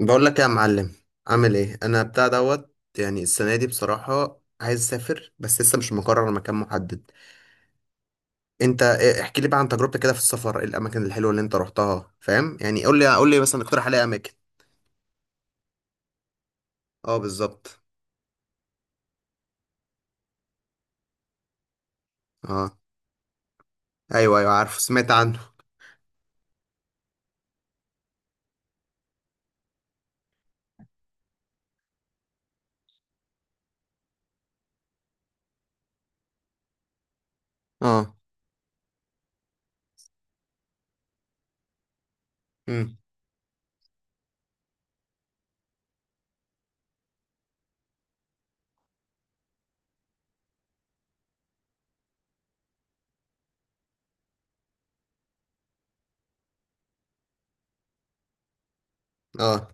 بقول لك إيه يا معلم؟ عامل ايه؟ انا بتاع دوت، يعني السنه دي بصراحه عايز اسافر، بس لسه مش مقرر مكان محدد. احكي لي بقى عن تجربتك كده في السفر، إيه الاماكن الحلوه اللي انت روحتها؟ فاهم يعني؟ قول لي مثلا اقترح عليا اماكن. اه بالظبط. اه. ايوه ايوه، عارفه، سمعت عنه. اه. امم. اه.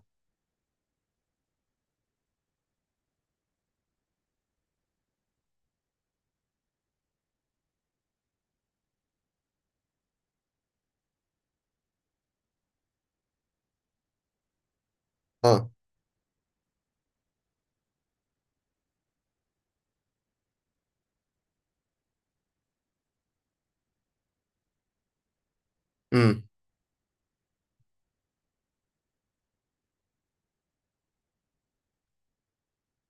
اه. امم.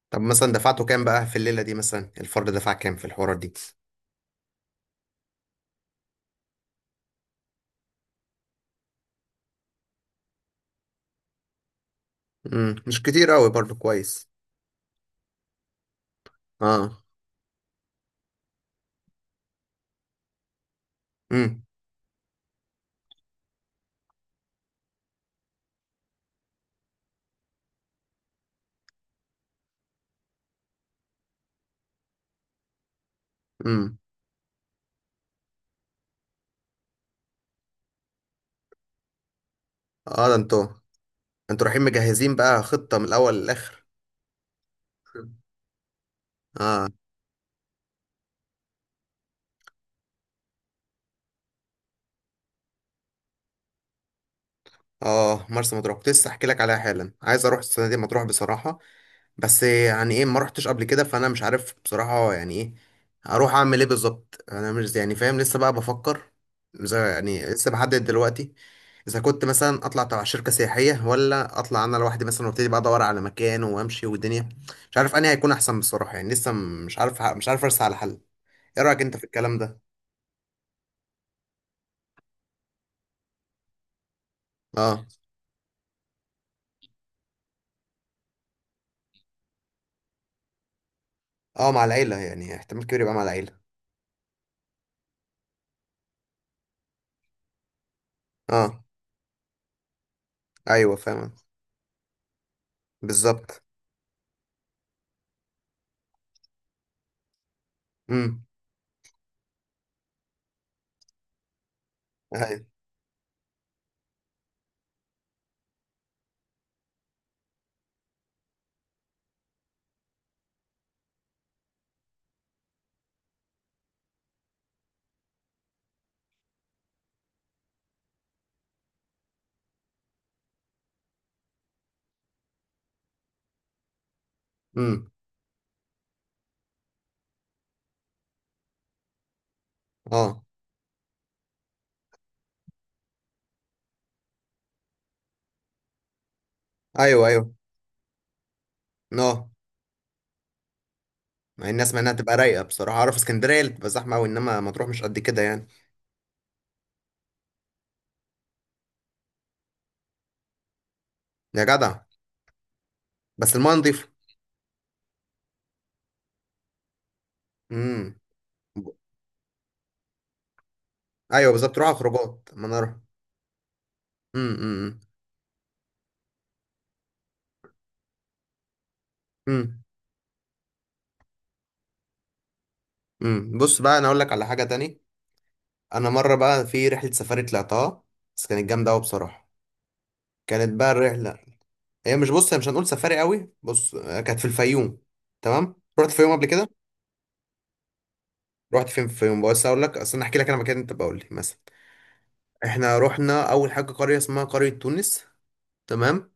طب مثلا دفعته كام بقى في الليله دي، مثلا الفرد دفع كام في الحوارات دي؟ امم، مش كتير قوي برضو، كويس. اه. امم. امم. اه ده انتوا، انتوا رايحين مجهزين بقى، خطة من الاول للاخر. اه. اه، مرسى مطروح كنت لسه احكي لك عليها حالا، عايز اروح السنة دي مطروح بصراحة. بس يعني ايه، ما رحتش قبل كده، فانا مش عارف بصراحة يعني ايه اروح اعمل ايه بالظبط. انا مش يعني فاهم، لسه بقى بفكر. زي يعني لسه بحدد دلوقتي، اذا كنت مثلا اطلع تبع شركة سياحية، ولا اطلع انا لوحدي مثلا وابتدي بقى ادور على مكان وامشي والدنيا. مش عارف انهي هيكون احسن بصراحة، يعني لسه مش عارف، مش عارف ارسى على حل. ايه رأيك انت في الكلام ده؟ اه. اه مع العيلة، يعني احتمال كبير يبقى مع العيلة. اه ايوه فاهم. بالظبط. امم. ايوه. امم. اه. ايوه ايوه. اه، مع الناس، مع انها تبقى رايقة. بصراحة اعرف اسكندرية اللي بتبقى زحمة قوي، انما مطروح مش قد كده يعني. يا جدع. بس المايه نضيفة. امم. ايوه بالظبط، تروح على خروجات، ما انا اروح. امم. امم. امم. امم. بص بقى، انا اقول لك على حاجة تاني. انا مرة بقى في رحلة سفاري طلعتها، بس كانت جامدة قوي بصراحة. كانت بقى الرحلة، هي مش هنقول سفاري قوي، بص آه، كانت في الفيوم. تمام، رحت الفيوم قبل كده. رحت فين في الفيوم؟ بس اقول لك، اصل انا احكي لك انا مكان انت بقول لي مثلا. احنا رحنا اول حاجه قريه اسمها قريه تونس، تمام.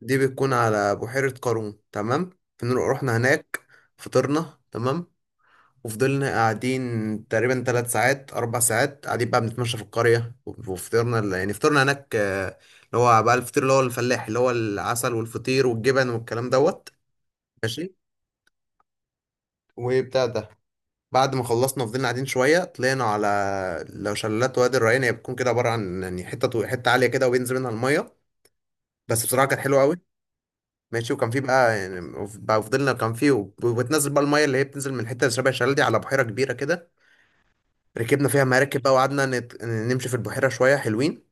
دي بتكون على بحيره قارون، تمام. رحنا هناك، فطرنا، تمام. وفضلنا قاعدين تقريبا ثلاث ساعات اربع ساعات، قاعدين بقى بنتمشى في القريه، وفطرنا يعني فطرنا هناك، آه، اللي هو بقى الفطير، اللي هو الفلاح، اللي هو العسل والفطير والجبن والكلام دوت. ماشي، وبتاع ده. بعد ما خلصنا فضلنا قاعدين شويه، طلعنا على، لو شلالات وادي الريان. هي بتكون كده عباره عن يعني حته حته عاليه كده، وبينزل منها الميه. بس بصراحه كانت حلوه قوي. ماشي، وكان في بقى يعني، بقى فضلنا، كان في وبتنزل بقى الميه اللي هي بتنزل من حته شبه الشلال دي على بحيره كبيره كده. ركبنا فيها مراكب بقى، وقعدنا نمشي في البحيره شويه، حلوين.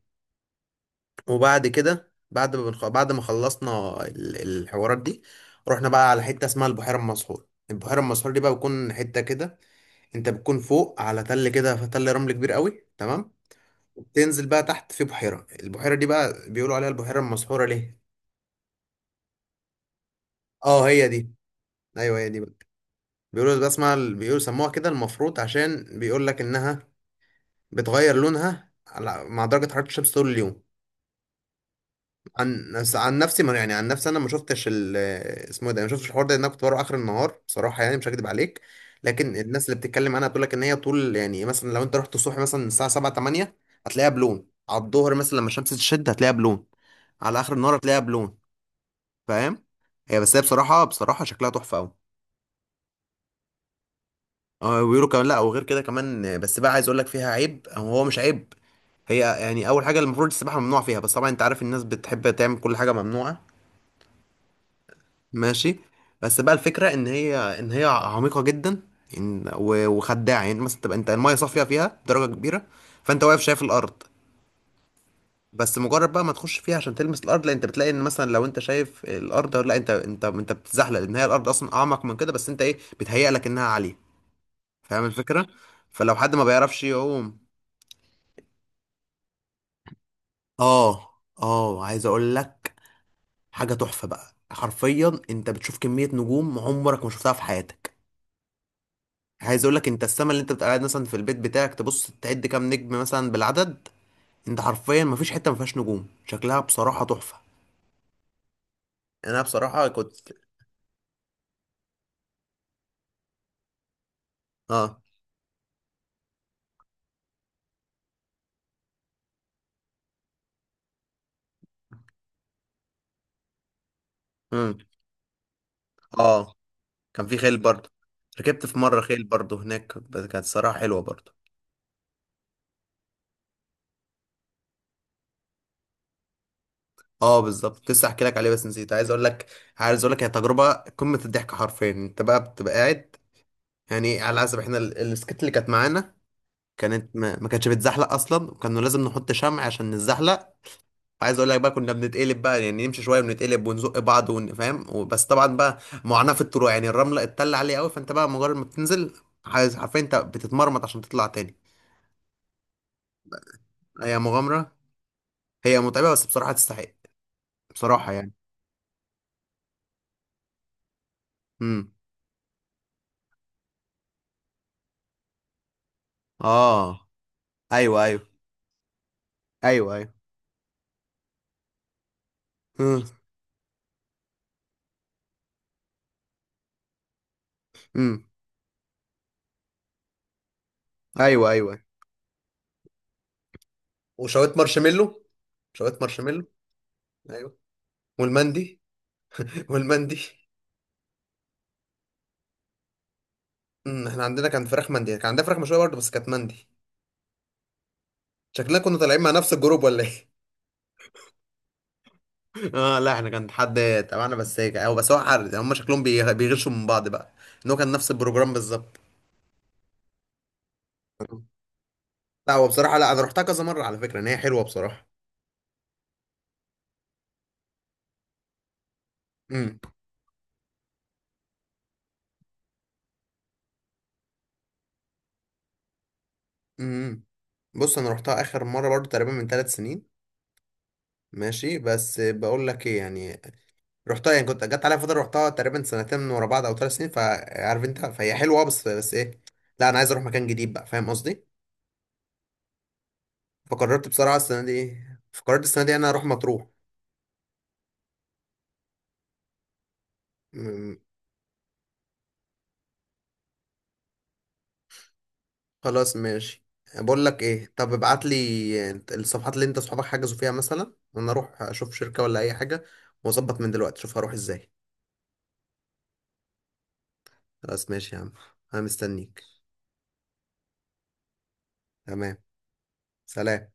وبعد كده بعد ما خلصنا الحوارات دي، رحنا بقى على حته اسمها البحيره المسحور. البحيره المسحور دي بقى بتكون حته كده، انت بتكون فوق على تل كده، تل رمل كبير قوي، تمام. وبتنزل بقى تحت في بحيرة. البحيرة دي بقى بيقولوا عليها البحيرة المسحورة ليه؟ اه هي دي. ايوه هي دي بقى. بيقولوا بقى اسمها، بيقولوا سموها كده المفروض، عشان بيقول لك انها بتغير لونها على مع درجة حرارة الشمس طول اليوم. عن نفس، عن نفسي، ما يعني عن نفسي انا ما شفتش ال، اسمه إيه ده، ما شفتش الحوار ده، لان انا كنت بروح اخر النهار بصراحة، يعني مش هكدب عليك. لكن الناس اللي بتتكلم عنها بتقول لك ان هي طول، يعني مثلا لو انت رحت الصبح مثلا الساعة 7 8، هتلاقيها بلون، على الظهر مثلا لما الشمس تشد هتلاقيها بلون، على اخر النهار هتلاقيها بلون. فاهم؟ هي بصراحه بصراحه شكلها تحفه قوي. اه، ويقولوا كمان، لا وغير كده كمان آه، بس بقى عايز اقول لك فيها عيب، او هو مش عيب. هي يعني اول حاجه المفروض السباحه ممنوع فيها، بس طبعا انت عارف الناس بتحب تعمل كل حاجه ممنوعه. ماشي. بس بقى الفكره ان هي عميقه جدا. وخداعه، يعني مثلا تبقى انت المايه صافيه فيها بدرجه كبيره، فانت واقف شايف الارض. بس مجرد بقى ما تخش فيها عشان تلمس الارض، لا انت بتلاقي ان مثلا لو انت شايف الارض، لا انت بتتزحلق، لان هي الارض اصلا اعمق من كده، بس انت ايه بتهيأ لك انها عاليه. فاهم الفكرة؟ فلو حد ما بيعرفش يعوم. اه. اه عايز اقول لك حاجه تحفه بقى، حرفيا انت بتشوف كميه نجوم عمرك ما شفتها في حياتك. عايز اقول لك، انت السما اللي انت بتبقى قاعد مثلا في البيت بتاعك تبص تعد كام نجم مثلا بالعدد، انت حرفيا ما فيش حته ما فيهاش نجوم، شكلها بصراحه تحفه. انا بصراحة كنت. اه. امم. اه كان في خيل برضه، ركبت في مرة خيل برضه هناك، بس كانت صراحة حلوة برضه. اه بالظبط، كنت لسه احكي لك عليه بس نسيت، عايز اقول لك. عايز اقول لك، هي تجربه قمه الضحك حرفيا. انت بقى بتبقى قاعد يعني على حسب احنا السكت اللي كانت معانا، كانت ما كانتش بتزحلق اصلا، وكانوا لازم نحط شمع عشان نتزحلق. عايز اقول لك بقى كنا بنتقلب بقى، يعني نمشي شويه ونتقلب ونزق بعض فاهم، وبس طبعا بقى معاناه في الطلوع، يعني الرمله اتل عليه قوي، فانت بقى مجرد ما بتنزل، عايز حرفيا انت بتتمرمط عشان تطلع تاني. هي مغامره، هي متعبه، بس بصراحه تستحق بصراحه يعني. امم. اه. ايوه ايوه. ايوه ايوه. امم. ايوه ايوه. وشوية مارشميلو، شوية مارشميلو. ايوه. والمندي. والمندي. امم، احنا عندنا كان فراخ مندي، كان عندنا فراخ مشوية برضه بس كانت مندي. شكلنا كنا طالعين مع نفس الجروب ولا ايه؟ اه لا، احنا كان حد تبعنا بس، هيك او بس هو حر، هم شكلهم بيغشوا من بعض بقى، ان هو كان نفس البروجرام بالظبط. لا هو بصراحه، لا انا رحتها كذا مره على فكره، ان هي حلوه بصراحه. امم. امم. امم. بص انا رحتها اخر مره برضو تقريبا من ثلاث سنين، ماشي؟ بس بقول لك ايه يعني، رحتها يعني كنت جت عليا فتره رحتها تقريبا سنتين من ورا بعض او ثلاث سنين، فعارف انت فهي حلوه اه، بس بس ايه، لا انا عايز اروح مكان جديد بقى، فاهم قصدي؟ فقررت بصراحه السنه دي، فقررت السنه دي انا اروح مطروح. م- خلاص ماشي. بقول لك ايه، طب ابعت لي الصفحات اللي انت اصحابك حجزوا فيها مثلا، وانا اروح اشوف شركه ولا اي حاجه، واظبط من دلوقتي اشوف هروح ازاي. خلاص ماشي يا عم، انا مستنيك. تمام، سلام.